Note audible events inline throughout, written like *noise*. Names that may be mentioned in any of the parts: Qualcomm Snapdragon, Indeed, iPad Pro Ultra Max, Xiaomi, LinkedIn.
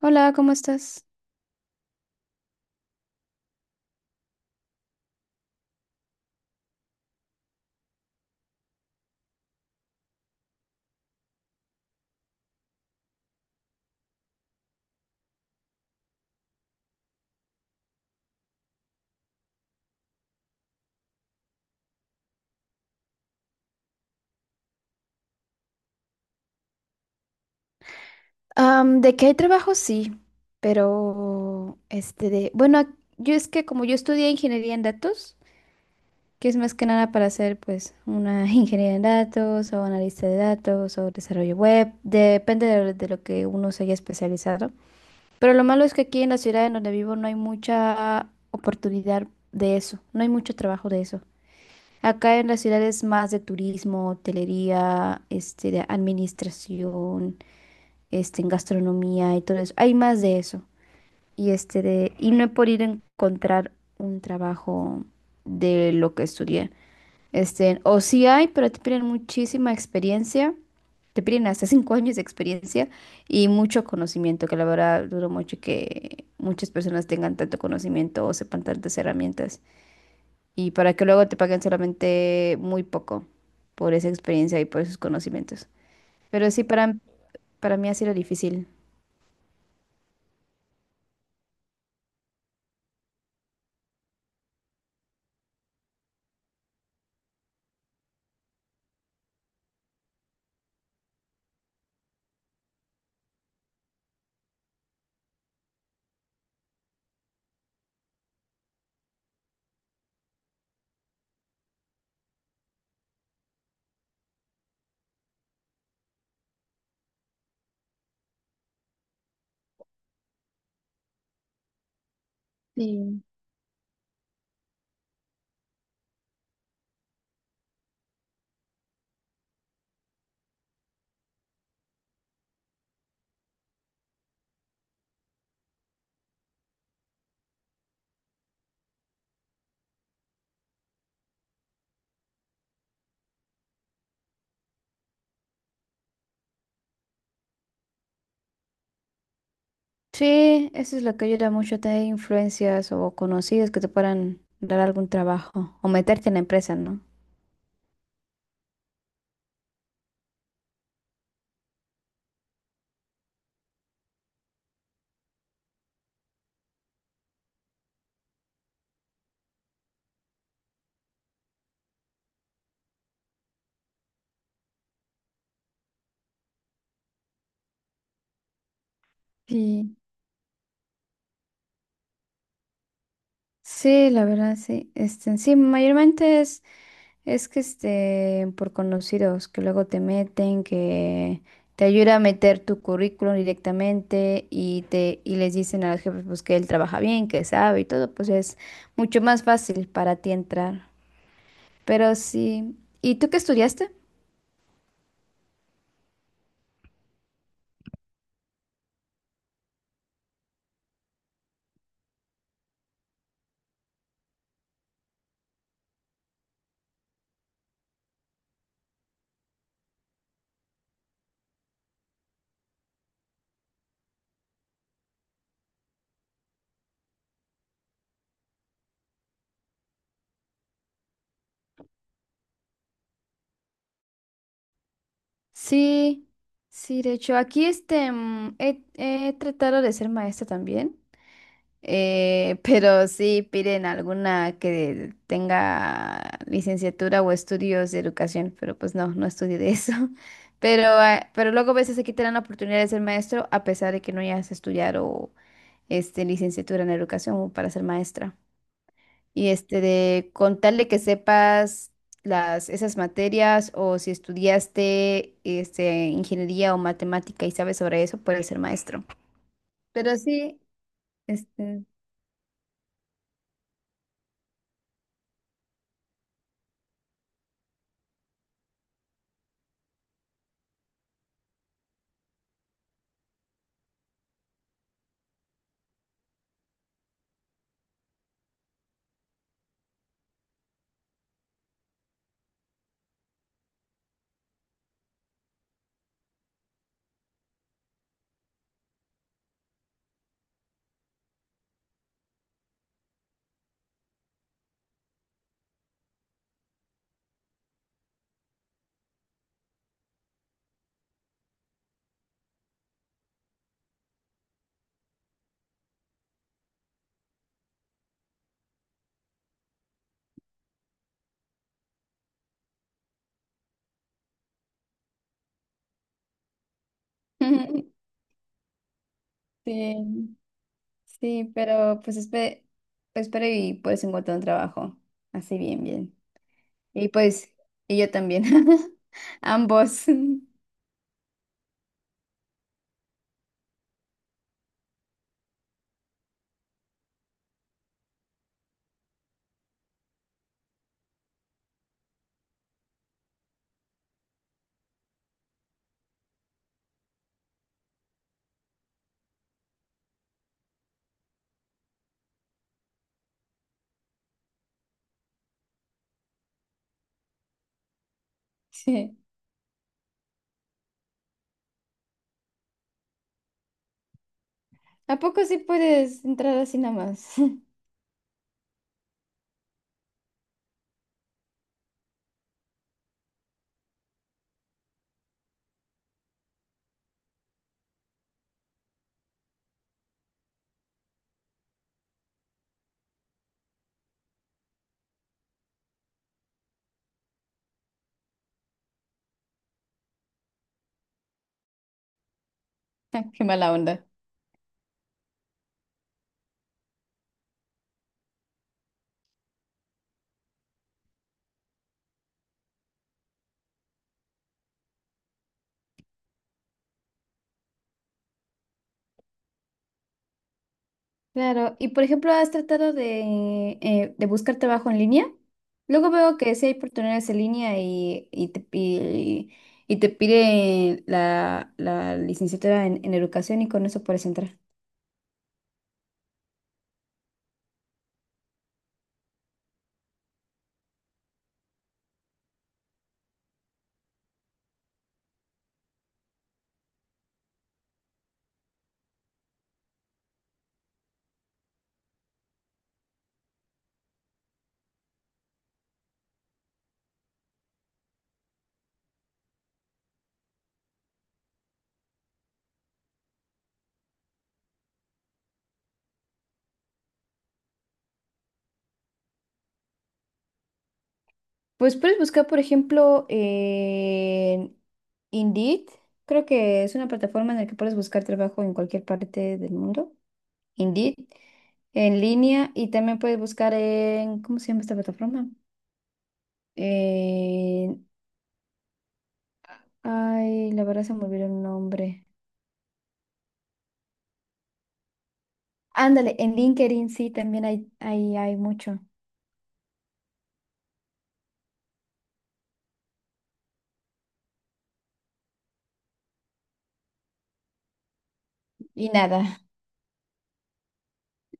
Hola, ¿cómo estás? De que hay trabajo, sí, pero yo es que como yo estudié ingeniería en datos, que es más que nada para hacer pues una *laughs* ingeniería en datos o analista de datos o desarrollo web, depende de lo que uno se haya especializado. Pero lo malo es que aquí en la ciudad en donde vivo no hay mucha oportunidad de eso, no hay mucho trabajo de eso. Acá en la ciudad es más de turismo, hotelería, de administración, en gastronomía y todo eso. Hay más de eso. Y, y no he podido encontrar un trabajo de lo que estudié. O sí hay, pero te piden muchísima experiencia. Te piden hasta 5 años de experiencia y mucho conocimiento, que la verdad duro mucho que muchas personas tengan tanto conocimiento o sepan tantas herramientas. Y para que luego te paguen solamente muy poco por esa experiencia y por esos conocimientos. Pero sí, para mí ha sido difícil. Sí. Sí, eso es lo que ayuda mucho, tener influencias o conocidos que te puedan dar algún trabajo o meterte en la empresa, ¿no? Sí. Sí, la verdad, sí. Sí, es que por conocidos que luego te meten, que te ayuda a meter tu currículum directamente y les dicen a los jefes pues que él trabaja bien, que sabe y todo, pues es mucho más fácil para ti entrar. Pero sí. ¿Y tú qué estudiaste? Sí, sí, de hecho, aquí he tratado de ser maestra también, *laughs* pero sí piden alguna que tenga licenciatura o estudios de educación, pero pues no, no estudié de eso. *laughs* Pero, pero luego a veces aquí te dan la oportunidad de ser maestro a pesar de que no hayas estudiado licenciatura en educación para ser maestra. Y este de con tal de que sepas esas materias o si estudiaste ingeniería o matemática y sabes sobre eso, puedes ser maestro. Pero sí, este, *laughs* sí, sí, pero pues espero, espero y puedes encontrar un trabajo. Así bien, bien. Y pues, y yo también. *laughs* Ambos. *laughs* Sí. ¿A poco sí puedes entrar así nada más? *laughs* Qué mala onda. Claro, y por ejemplo, ¿has tratado de buscar trabajo en línea? Luego veo que sí hay oportunidades en línea y te pide la licenciatura en educación y con eso puedes entrar. Pues puedes buscar, por ejemplo, en Indeed. Creo que es una plataforma en la que puedes buscar trabajo en cualquier parte del mundo. Indeed, en línea, y también puedes buscar en, ¿cómo se llama esta plataforma? Ay, la verdad se me olvidó el nombre. Ándale, en LinkedIn sí, también hay, hay mucho. Y nada.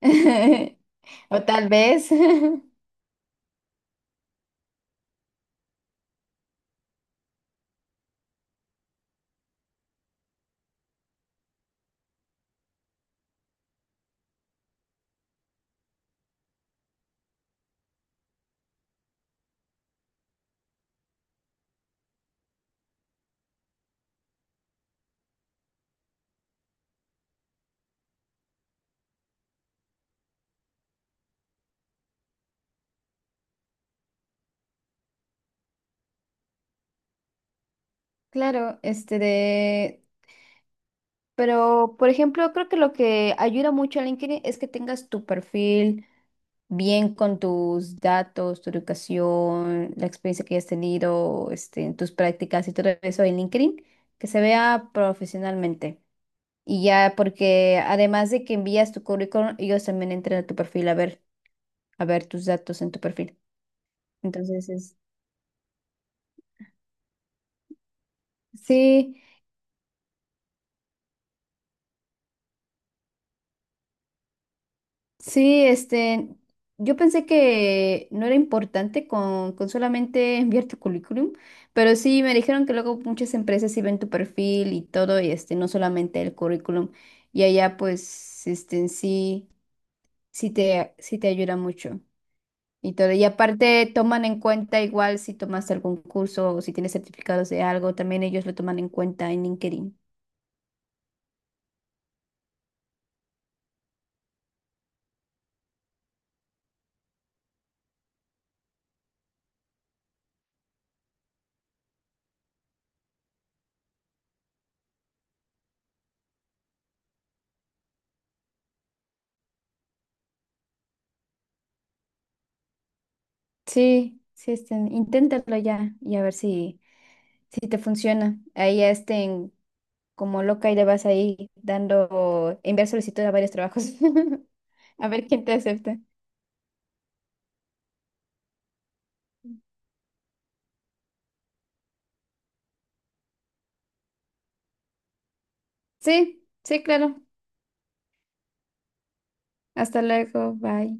*laughs* O tal vez. *laughs* Claro, Pero, por ejemplo, creo que lo que ayuda mucho a LinkedIn es que tengas tu perfil bien con tus datos, tu educación, la experiencia que hayas tenido, en tus prácticas y todo eso en LinkedIn, que se vea profesionalmente. Y ya, porque además de que envías tu currículum, ellos también entran a tu perfil a ver tus datos en tu perfil. Entonces es, sí, sí, yo pensé que no era importante con solamente *laughs* enviar tu currículum, pero sí me dijeron que luego muchas empresas sí ven tu perfil y todo, y no solamente el currículum. Y allá pues, sí, sí te ayuda mucho. Y todo. Y aparte toman en cuenta igual si tomaste algún curso o si tienes certificados de algo, también ellos lo toman en cuenta en LinkedIn. Sí, sí, inténtalo ya y a ver si, si te funciona. Ahí ya estén como loca y le vas ahí dando, enviar solicitud a varios trabajos. *laughs* A ver quién te acepta. Sí, sí, claro. Hasta luego, bye.